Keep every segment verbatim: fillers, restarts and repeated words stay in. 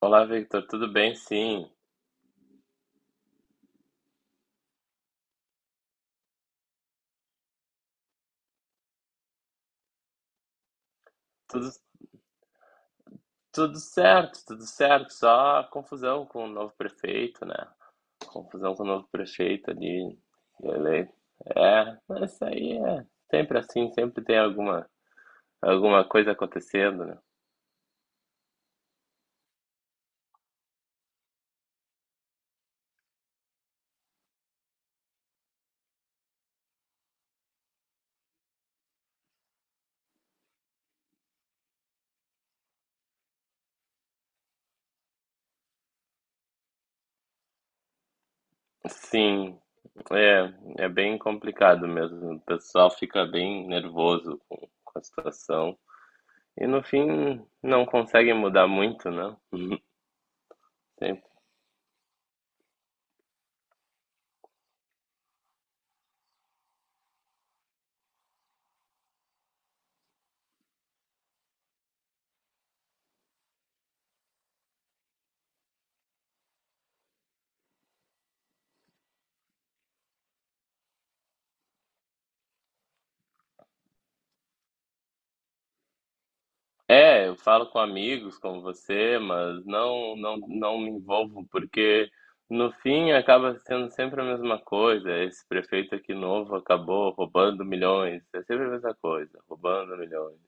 Olá, Victor, tudo bem? Sim, tudo, tudo certo, tudo certo. Só confusão com o novo prefeito, né? Confusão com o novo prefeito ali, eleito. É, mas isso aí é sempre assim, sempre tem alguma, alguma coisa acontecendo, né? Sim, é, é bem complicado mesmo. O pessoal fica bem nervoso com, com a situação. E no fim não consegue mudar muito, né? É, eu falo com amigos como você, mas não, não, não me envolvo, porque no fim acaba sendo sempre a mesma coisa. Esse prefeito aqui novo acabou roubando milhões. É sempre a mesma coisa, roubando milhões.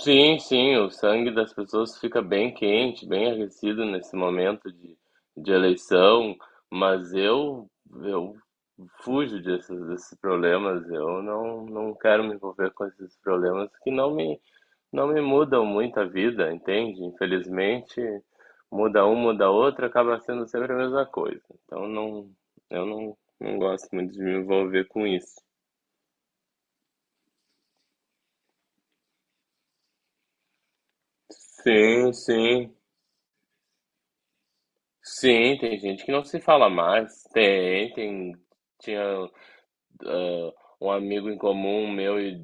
Sim, sim, o sangue das pessoas fica bem quente, bem aquecido nesse momento de, de eleição, mas eu, eu fujo desses, desses problemas, eu não, não quero me envolver com esses problemas que não me, não me mudam muito a vida, entende? Infelizmente, muda um, muda outro, acaba sendo sempre a mesma coisa. Então não, eu não, não gosto muito de me envolver com isso. Sim, sim. Sim, tem gente que não se fala mais. Tem, tem. Tinha um amigo em comum meu e,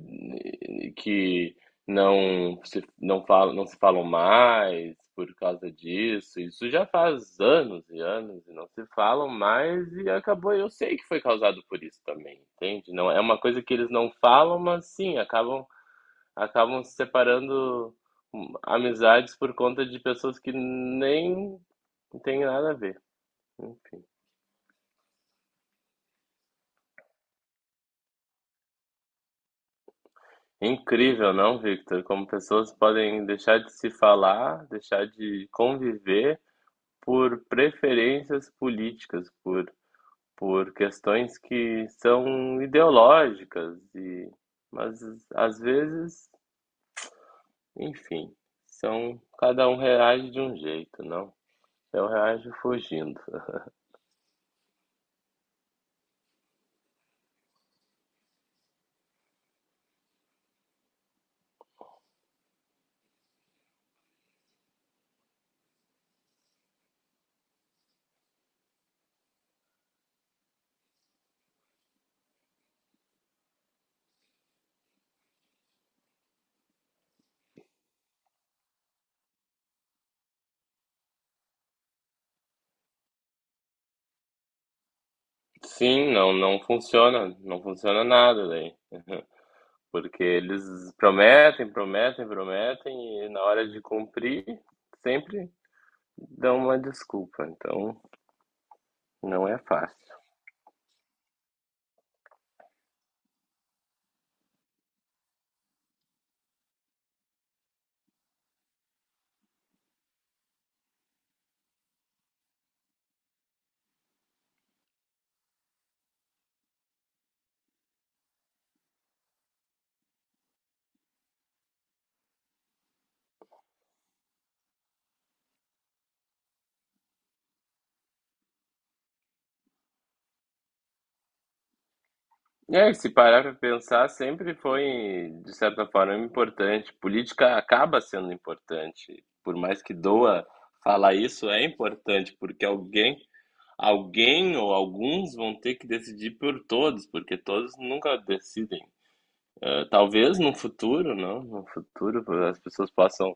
e que não se, não fala, não se falam mais por causa disso. Isso já faz anos e anos e não se falam mais e acabou. Eu sei que foi causado por isso também, entende? Não é uma coisa que eles não falam, mas sim, acabam acabam se separando, hum, amizades por conta de pessoas que nem tem nada a ver. Enfim. Incrível, não, Victor? Como pessoas podem deixar de se falar, deixar de conviver por preferências políticas, por, por questões que são ideológicas e mas às vezes, enfim, são cada um reage de um jeito, não? Eu reajo fugindo. Sim, não, não funciona, não funciona nada daí. Porque eles prometem, prometem, prometem e na hora de cumprir sempre dão uma desculpa. Então não é fácil. E aí, se parar para pensar, sempre foi, de certa forma, importante. Política acaba sendo importante. Por mais que doa falar isso, é importante, porque alguém, alguém ou alguns vão ter que decidir por todos, porque todos nunca decidem. Eh, talvez no futuro, não? No futuro as pessoas possam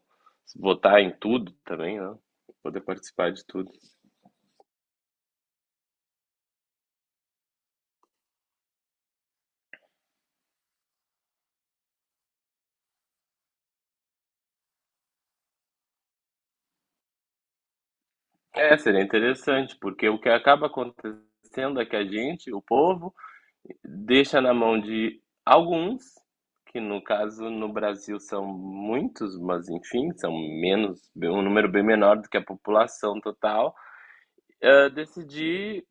votar em tudo também, não? Poder participar de tudo. É, seria interessante, porque o que acaba acontecendo é que a gente, o povo, deixa na mão de alguns, que no caso no Brasil são muitos, mas enfim, são menos, um número bem menor do que a população total, eh, decidir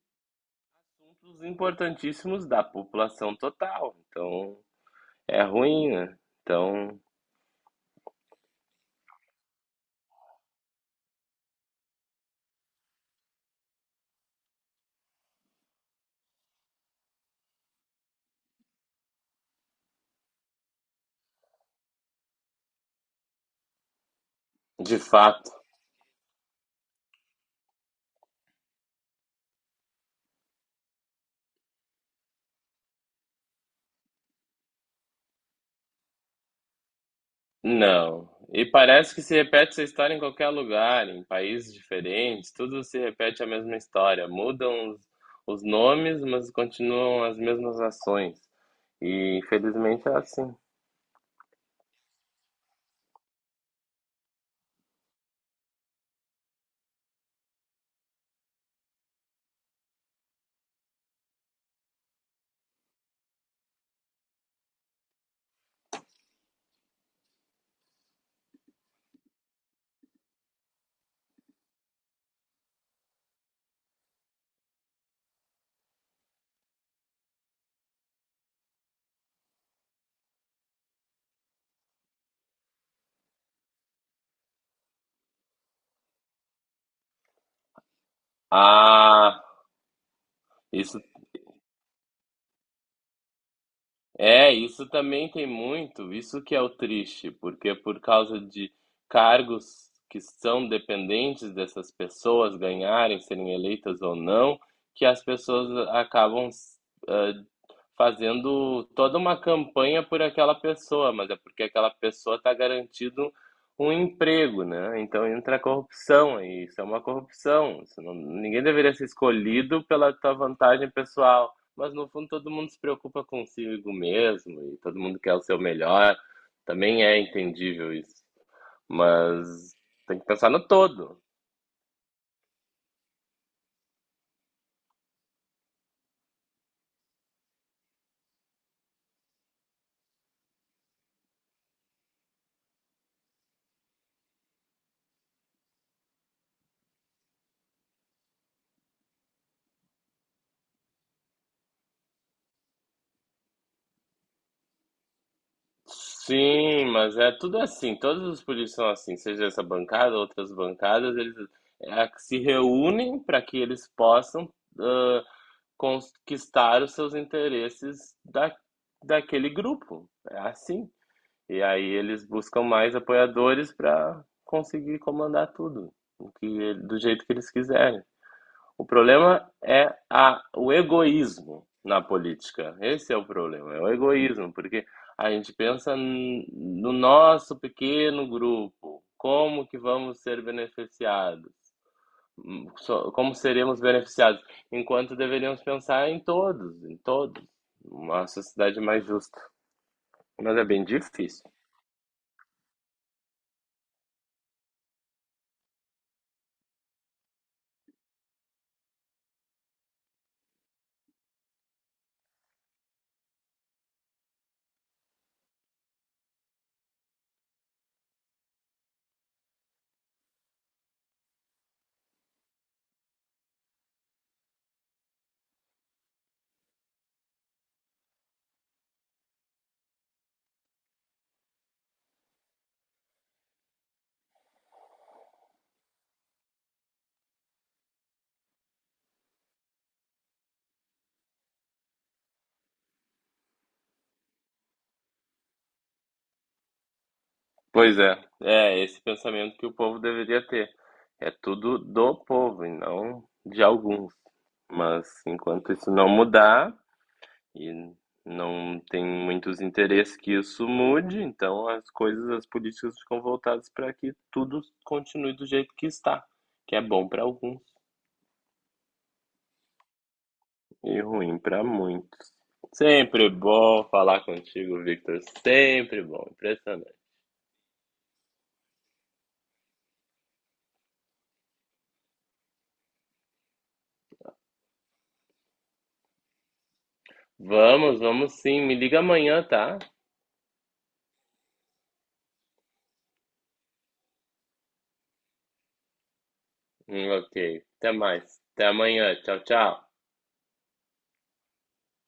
assuntos importantíssimos da população total. Então, é ruim, né? Então, de fato, não. E parece que se repete essa história em qualquer lugar, em países diferentes, tudo se repete a mesma história. Mudam os, os nomes, mas continuam as mesmas ações. E infelizmente é assim. Ah, isso é, isso também tem muito, isso que é o triste, porque por causa de cargos que são dependentes dessas pessoas ganharem, serem eleitas ou não, que as pessoas acabam, ah, fazendo toda uma campanha por aquela pessoa, mas é porque aquela pessoa está garantido um emprego, né? Então entra a corrupção aí, isso é uma corrupção. Isso não- ninguém deveria ser escolhido pela tua vantagem pessoal. Mas no fundo todo mundo se preocupa consigo mesmo e todo mundo quer o seu melhor. Também é entendível isso. Mas tem que pensar no todo. Sim, mas é tudo assim. Todos os políticos são assim, seja essa bancada, outras bancadas, eles é, se reúnem para que eles possam, ah, conquistar os seus interesses da, daquele grupo. É assim. E aí eles buscam mais apoiadores para conseguir comandar tudo, o que, ele- do jeito que eles quiserem. O problema é a, o egoísmo na política. Esse é o problema, é o egoísmo, porque a gente pensa n- no nosso pequeno grupo, como que vamos ser beneficiados, Hum, so- como seremos beneficiados, enquanto deveríamos pensar em todos, em todos, uma sociedade mais justa. Mas é bem difícil. Pois é, é esse pensamento que o povo deveria ter. É tudo do povo e não de alguns. Mas enquanto isso não mudar, e não tem muitos interesses que isso mude, então as coisas, as políticas ficam voltadas para que tudo continue do jeito que está, que é bom para alguns e ruim para muitos. Sempre bom falar contigo, Victor. Sempre bom, impressionante. Vamos, vamos sim. Me liga amanhã, tá? Hum, ok. Até mais. Até amanhã. Tchau, tchau.